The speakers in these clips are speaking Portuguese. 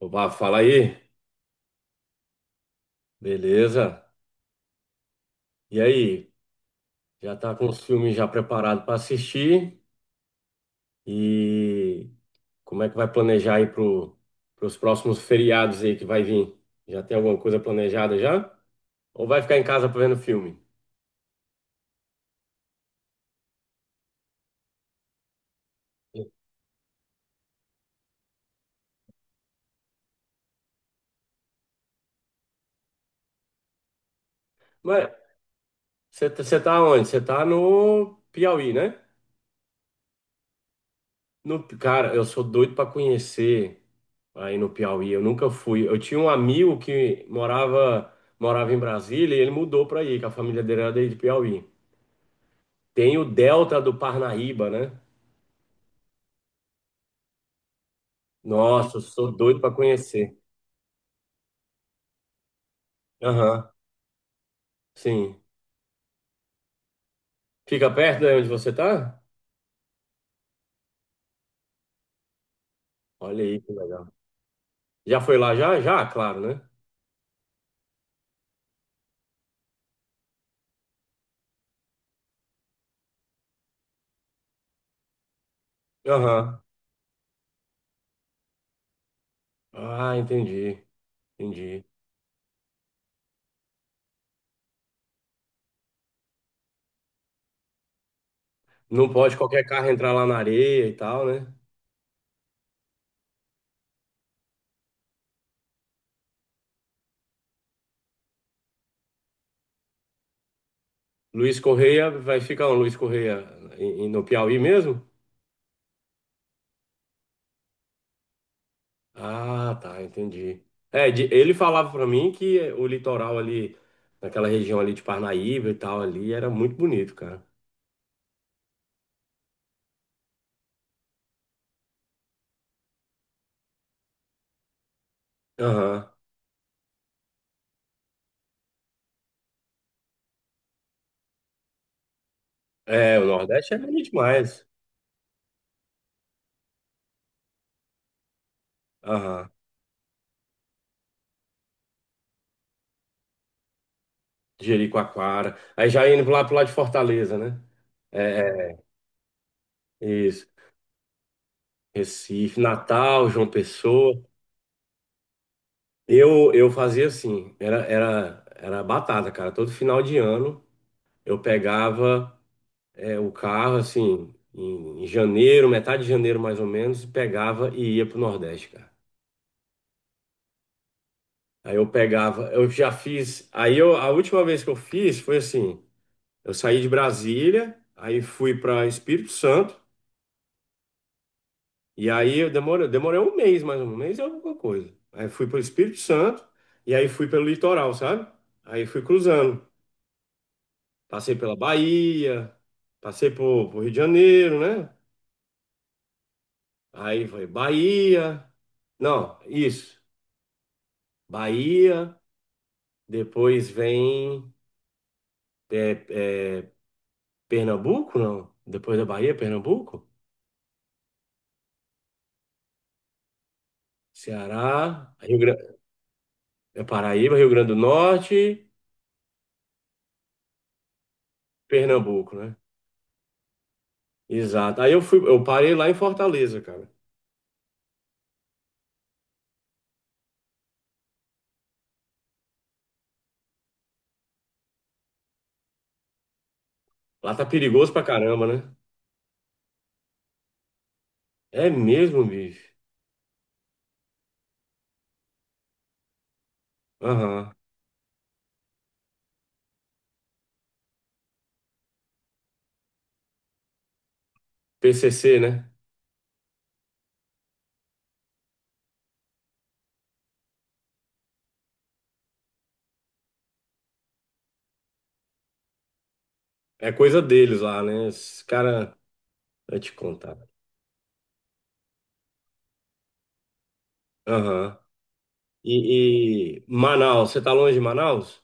Opa, fala aí. Beleza? E aí? Já tá com os filmes já preparados para assistir? E como é que vai planejar aí pros próximos feriados aí que vai vir? Já tem alguma coisa planejada já? Ou vai ficar em casa vendo filme? Mas você tá onde? Você tá no Piauí, né? No, cara, eu sou doido para conhecer aí no Piauí. Eu nunca fui. Eu tinha um amigo que morava em Brasília e ele mudou para aí, que a família dele era daí de Piauí. Tem o Delta do Parnaíba, né? Nossa, eu sou doido para conhecer. Aham, sim. Fica perto de onde você tá? Olha aí que legal. Já foi lá já? Já, claro, né? Aham. Ah, entendi. Entendi. Não pode qualquer carro entrar lá na areia e tal, né? Luiz Correia vai ficar onde? Luiz Correia no Piauí mesmo? Ah, tá, entendi. É, ele falava para mim que o litoral ali, naquela região ali de Parnaíba e tal, ali, era muito bonito, cara. Aham. É, o Nordeste é lindo demais. Aham. Jericoacoara. Aí já indo lá pro lado de Fortaleza, né? É, é, isso. Recife, Natal, João Pessoa. Eu fazia assim, era batata, cara. Todo final de ano eu pegava o carro, assim, em janeiro, metade de janeiro mais ou menos, e pegava e ia pro Nordeste, cara. Aí eu pegava, eu já fiz. Aí eu, a última vez que eu fiz foi assim. Eu saí de Brasília, aí fui para Espírito Santo, e aí eu demorei um mês, mais ou menos, um mês e alguma coisa. Aí fui para o Espírito Santo, e aí fui pelo litoral, sabe? Aí fui cruzando. Passei pela Bahia, passei por Rio de Janeiro, né? Aí foi Bahia. Não, isso. Bahia, depois vem é, é, Pernambuco, não? Depois da Bahia, Pernambuco? Ceará, Rio Grande, Paraíba, Rio Grande do Norte. Pernambuco, né? Exato. Aí eu fui, eu parei lá em Fortaleza, cara. Lá tá perigoso pra caramba, né? É mesmo, bicho. Aham. PCC, né? É coisa deles lá, né? Os cara, eu te contar. Aham. E Manaus, você tá longe de Manaus?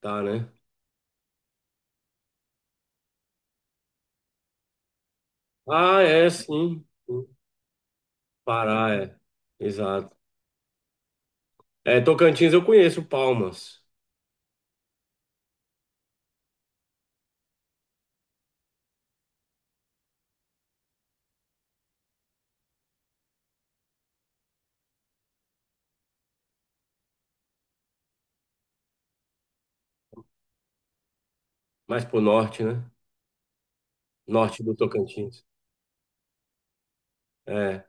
Tá, né? Ah, é, sim. Pará, é. Exato. É, Tocantins eu conheço Palmas, mais pro norte, né? Norte do Tocantins. É,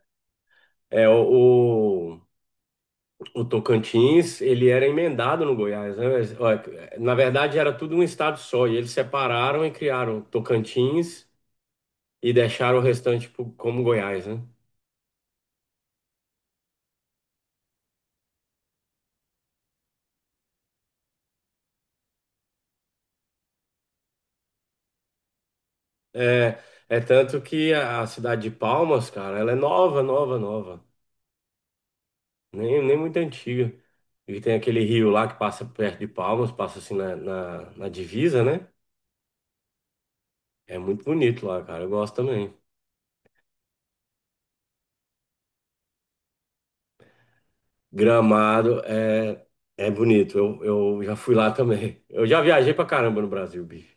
é o- O Tocantins, ele era emendado no Goiás, né? Mas, ó, na verdade, era tudo um estado só, e eles separaram e criaram Tocantins e deixaram o restante como Goiás, né? É, é tanto que a cidade de Palmas, cara, ela é nova, nova, nova, nem muito antiga. E tem aquele rio lá que passa perto de Palmas, passa assim na divisa, né? É muito bonito lá, cara, eu gosto também. Gramado é bonito. Eu já fui lá também. Eu já viajei pra caramba no Brasil, bicho.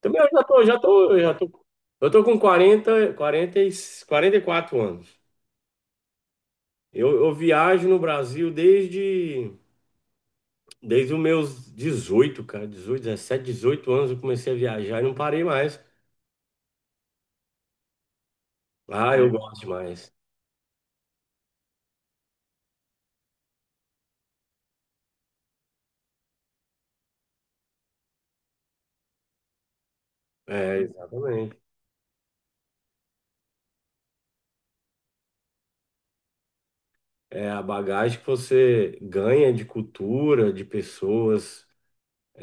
Também eu já tô. Eu tô com 44 anos. Eu viajo no Brasil desde os meus 18 cara. 18 anos eu comecei a viajar e não parei mais. Ah, eu, é, gosto demais. É, exatamente. É a bagagem que você ganha de cultura, de pessoas,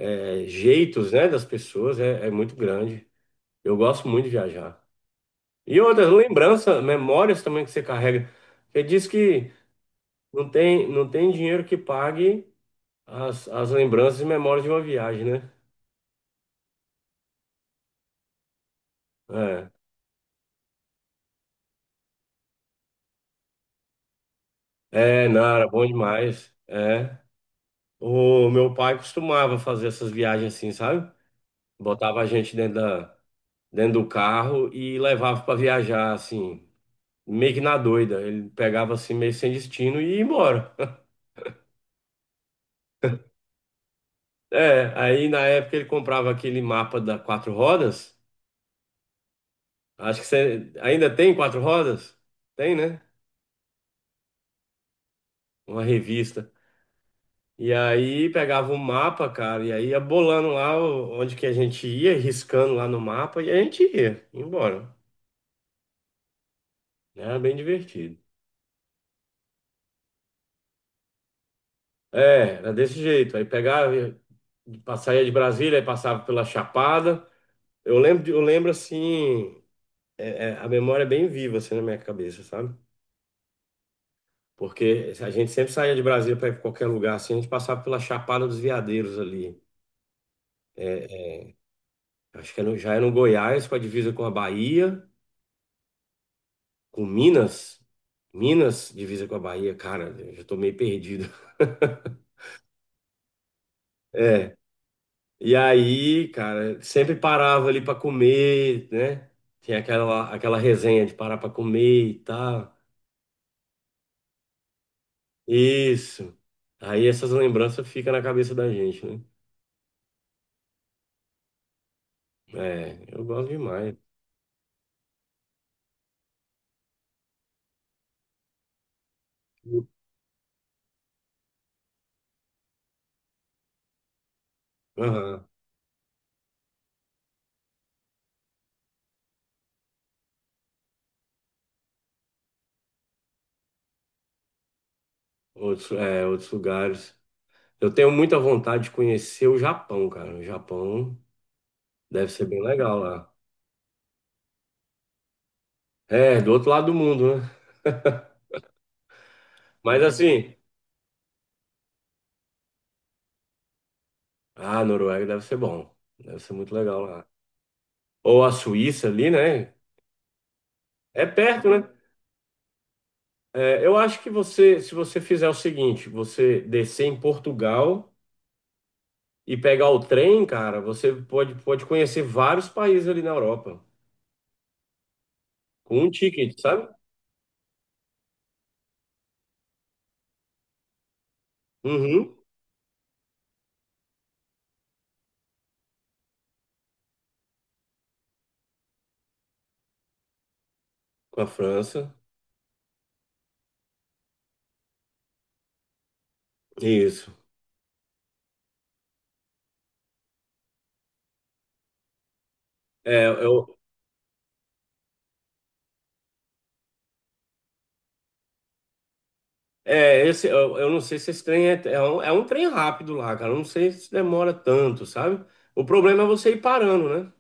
é, jeitos, né, das pessoas é muito grande. Eu gosto muito de viajar. E outras lembranças, memórias também que você carrega. Você diz que não tem dinheiro que pague as lembranças e memórias de uma viagem, né? É, não, era bom demais. É. O meu pai costumava fazer essas viagens assim, sabe? Botava a gente dentro do carro e levava para viajar, assim, meio que na doida. Ele pegava assim, meio sem destino e ia embora. É, aí na época ele comprava aquele mapa da Quatro Rodas. Acho que você ainda tem Quatro Rodas? Tem, né? Uma revista. E aí pegava um mapa, cara, e aí ia bolando lá onde que a gente ia, riscando lá no mapa, e a gente ia embora. Né? Era bem divertido. É, era desse jeito. Aí pegava, saía de Brasília, aí passava pela Chapada. Eu lembro assim, a memória é bem viva assim na minha cabeça, sabe? Porque a gente sempre saía de Brasília para ir para qualquer lugar, assim, a gente passava pela Chapada dos Veadeiros ali. É, acho que já é no Goiás, com a divisa com a Bahia, com Minas. Minas, divisa com a Bahia, cara, eu já tô meio perdido. É. E aí, cara, sempre parava ali pra comer, né? Tinha aquela resenha de parar pra comer e tal. Isso. Aí essas lembranças ficam na cabeça da gente, né? É, eu gosto demais. Aham. Outros lugares. Eu tenho muita vontade de conhecer o Japão, cara. O Japão deve ser bem legal lá. É, do outro lado do mundo, né? Mas assim, ah, Noruega deve ser bom. Deve ser muito legal lá. Ou a Suíça ali, né? É perto, né? É, eu acho que você, se você fizer o seguinte, você descer em Portugal e pegar o trem, cara, você pode conhecer vários países ali na Europa. Com um ticket, sabe? Uhum. Com a França. Isso. É, eu, eu não sei se esse trem é um trem rápido lá, cara. Eu não sei se demora tanto, sabe? O problema é você ir parando, né?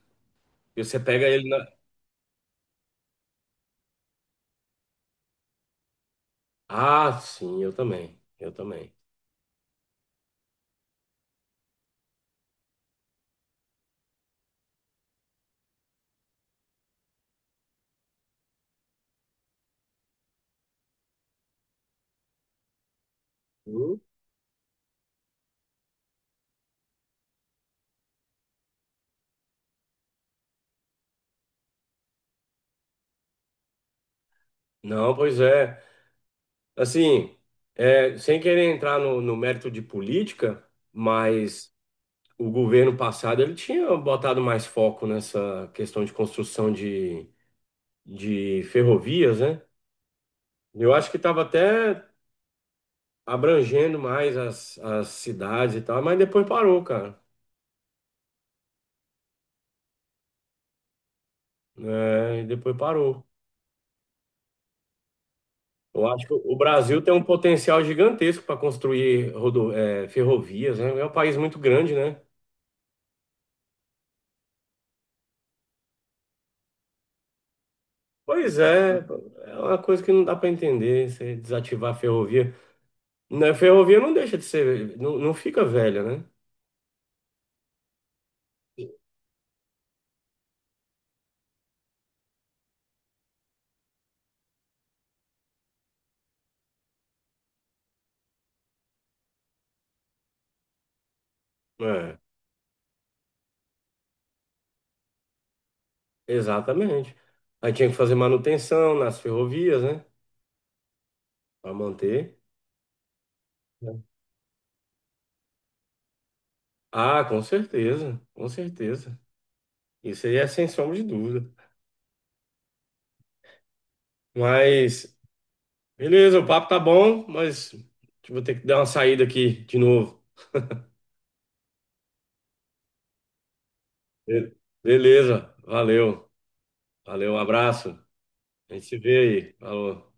E você pega ele na. Ah, sim, eu também. Eu também. Hum? Não, pois é. Assim, é, sem querer entrar no mérito de política, mas o governo passado ele tinha botado mais foco nessa questão de construção de ferrovias, né? Eu acho que estava até abrangendo mais as cidades e tal, mas depois parou, cara. É, e depois parou. Eu acho que o Brasil tem um potencial gigantesco para construir ferrovias, né? É um país muito grande, né? Pois é, é uma coisa que não dá para entender, você desativar a ferrovia. Né, a ferrovia não deixa de ser, não, não fica velha, né? É, exatamente. Aí tinha que fazer manutenção nas ferrovias, né? Para manter. Ah, com certeza, com certeza. Isso aí é sem sombra de dúvida. Mas, beleza, o papo tá bom, mas vou ter que dar uma saída aqui de novo. Be- Beleza, valeu, valeu, um abraço. A gente se vê aí. Falou.